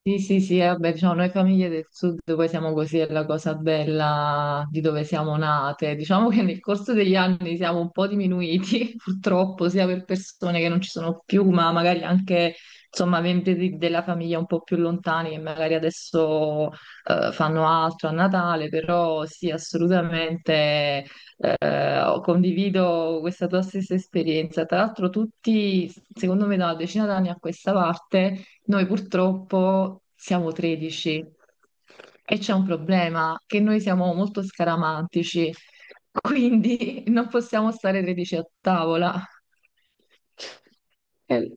Sì, sì, sì, vabbè, diciamo, noi famiglie del sud poi siamo così, è la cosa bella di dove siamo nate. Diciamo che nel corso degli anni siamo un po' diminuiti, purtroppo, sia per persone che non ci sono più, ma magari anche, insomma, della famiglia un po' più lontani che magari adesso fanno altro a Natale, però sì, assolutamente condivido questa tua stessa esperienza. Tra l'altro tutti, secondo me, da una decina d'anni a questa parte noi purtroppo siamo 13, e c'è un problema, che noi siamo molto scaramantici, quindi non possiamo stare 13 a tavola. Eh,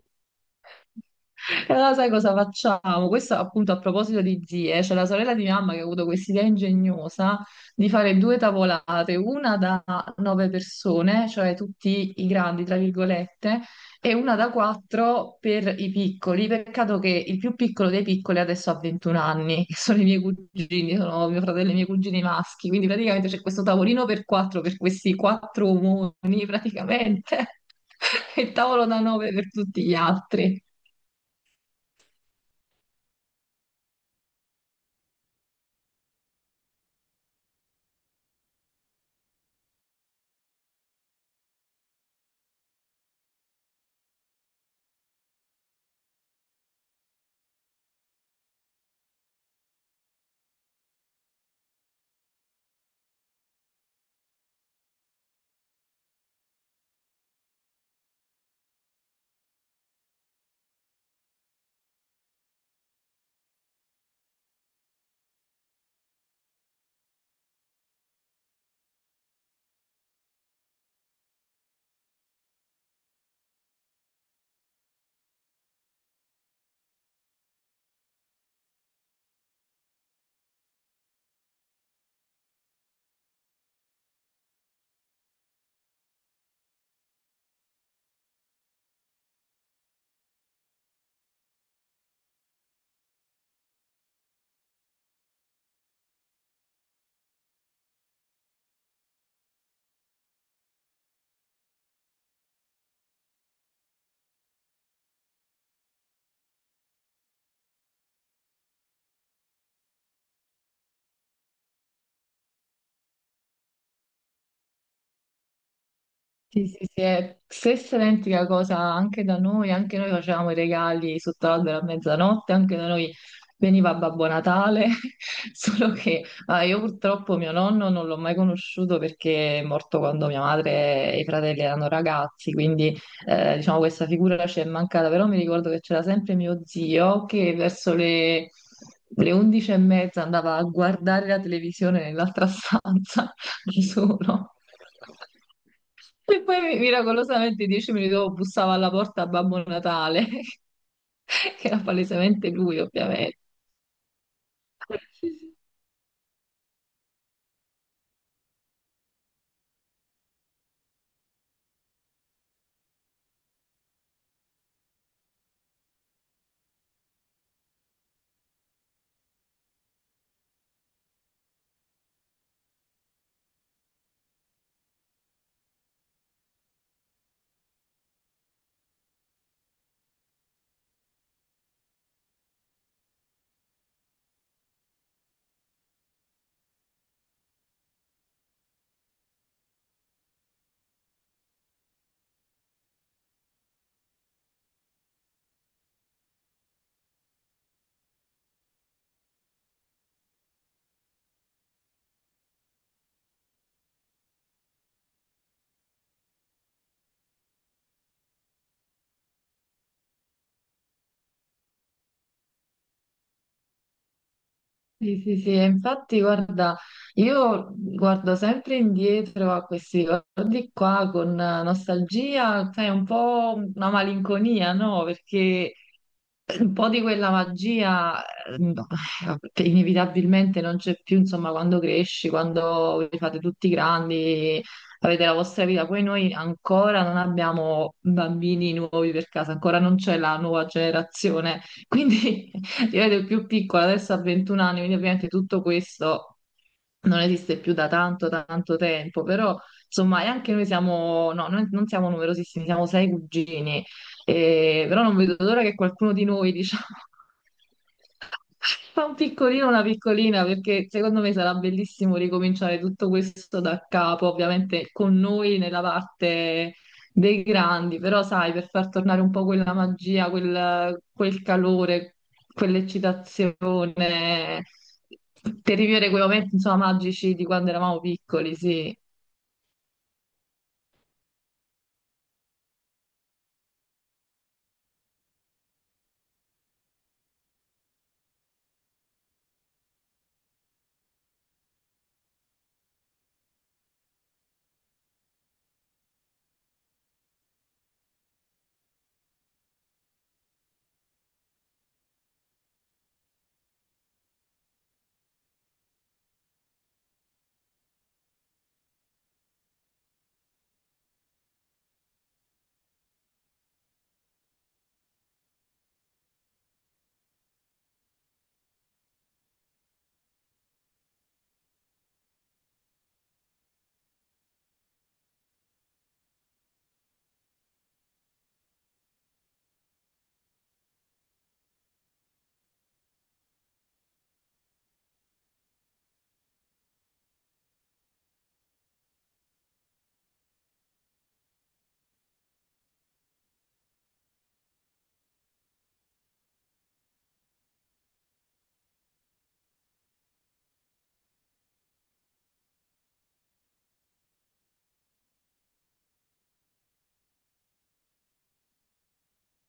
e allora sai cosa facciamo? Questo appunto a proposito di zie, c'è la sorella di mia mamma che ha avuto quest'idea ingegnosa di fare due tavolate, una da nove persone, cioè tutti i grandi, tra virgolette, e una da quattro per i piccoli. Peccato che il più piccolo dei piccoli adesso ha 21 anni, che sono i miei cugini, sono mio fratello e i miei cugini maschi, quindi praticamente c'è questo tavolino per quattro, per questi quattro omoni praticamente, e il tavolo da nove per tutti gli altri. Sì, sì, sì, è stessa identica cosa anche da noi, anche noi facevamo i regali sotto l'albero a mezzanotte, anche da noi veniva Babbo Natale, solo che ah, io purtroppo mio nonno non l'ho mai conosciuto perché è morto quando mia madre e i fratelli erano ragazzi, quindi diciamo questa figura ci è mancata, però mi ricordo che c'era sempre mio zio che verso le... Le undici e mezza andava a guardare la televisione nell'altra stanza da solo. E poi miracolosamente dieci minuti dopo bussava alla porta Babbo Natale, che era palesemente lui, ovviamente. Sì, sì, sì, e infatti guarda, io guardo sempre indietro a questi ricordi qua con nostalgia, sai, un po' una malinconia, no? Perché un po' di quella magia eh, no, inevitabilmente non c'è più, insomma, quando cresci, quando vi fate tutti grandi, avete la vostra vita. Poi noi ancora non abbiamo bambini nuovi per casa, ancora non c'è la nuova generazione. Quindi io ero il più piccola, adesso ha 21 anni, quindi ovviamente tutto questo non esiste più da tanto, tanto tempo, però insomma, e anche noi siamo, no, noi non siamo numerosissimi, siamo sei cugini però non vedo l'ora che qualcuno di noi, diciamo, fa un piccolino, una piccolina, perché secondo me sarà bellissimo ricominciare tutto questo da capo, ovviamente con noi nella parte dei grandi, però sai, per far tornare un po' quella magia, quel calore, quell'eccitazione, per rivivere quei momenti, insomma, magici di quando eravamo piccoli, sì.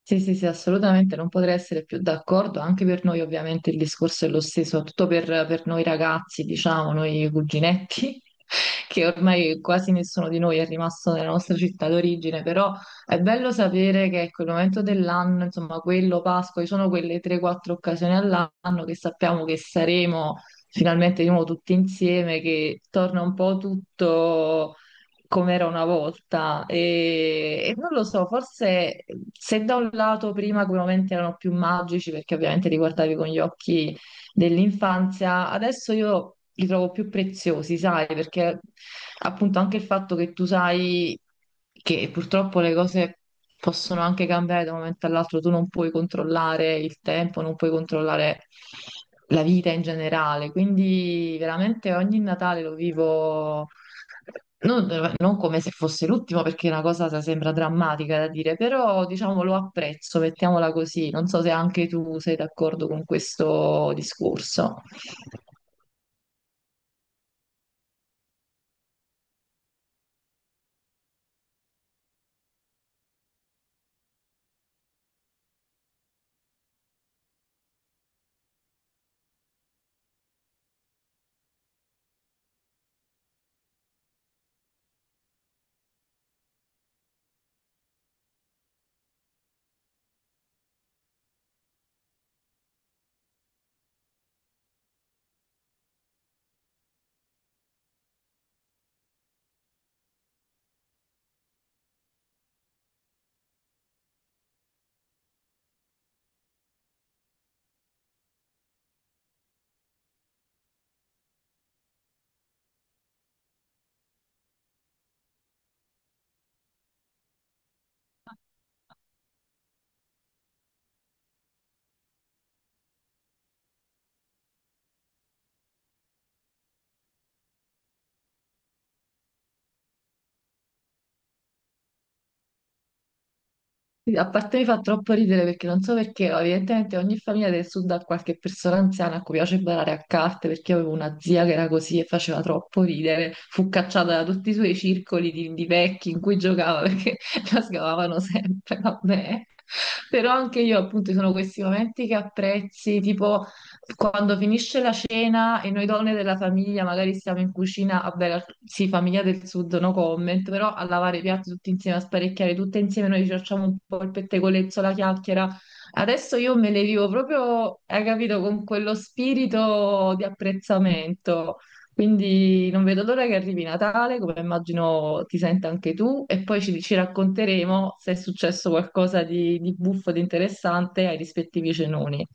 Sì, sì, sì, assolutamente, non potrei essere più d'accordo, anche per noi ovviamente il discorso è lo stesso, soprattutto per noi ragazzi, diciamo, noi cuginetti, che ormai quasi nessuno di noi è rimasto nella nostra città d'origine, però è bello sapere che ecco, il momento dell'anno, insomma, quello Pasqua, ci sono quelle 3-4 occasioni all'anno che sappiamo che saremo finalmente di nuovo tutti insieme, che torna un po' tutto come era una volta. E non lo so, forse se da un lato prima sicuramente erano più magici perché ovviamente li guardavi con gli occhi dell'infanzia, adesso io li trovo più preziosi, sai, perché appunto anche il fatto che tu sai che purtroppo le cose possono anche cambiare da un momento all'altro, tu non puoi controllare il tempo, non puoi controllare la vita in generale, quindi veramente ogni Natale lo vivo non, non come se fosse l'ultimo, perché è una cosa sembra drammatica da dire, però diciamo lo apprezzo, mettiamola così, non so se anche tu sei d'accordo con questo discorso. Sì, a parte mi fa troppo ridere perché non so perché, ma evidentemente ogni famiglia del sud ha qualche persona anziana a cui piace barare a carte, perché io avevo una zia che era così e faceva troppo ridere, fu cacciata da tutti i suoi circoli di vecchi in cui giocava perché la scavavano sempre, vabbè. Però anche io appunto ci sono questi momenti che apprezzi, tipo quando finisce la cena e noi donne della famiglia magari siamo in cucina, vabbè, sì, famiglia del sud, no comment, però a lavare i piatti tutti insieme, a sparecchiare tutte insieme, noi ci facciamo un po' il pettegolezzo, la chiacchiera. Adesso io me le vivo proprio, hai capito, con quello spirito di apprezzamento. Quindi non vedo l'ora che arrivi Natale, come immagino ti senta anche tu, e poi ci racconteremo se è successo qualcosa di buffo, di interessante ai rispettivi cenoni.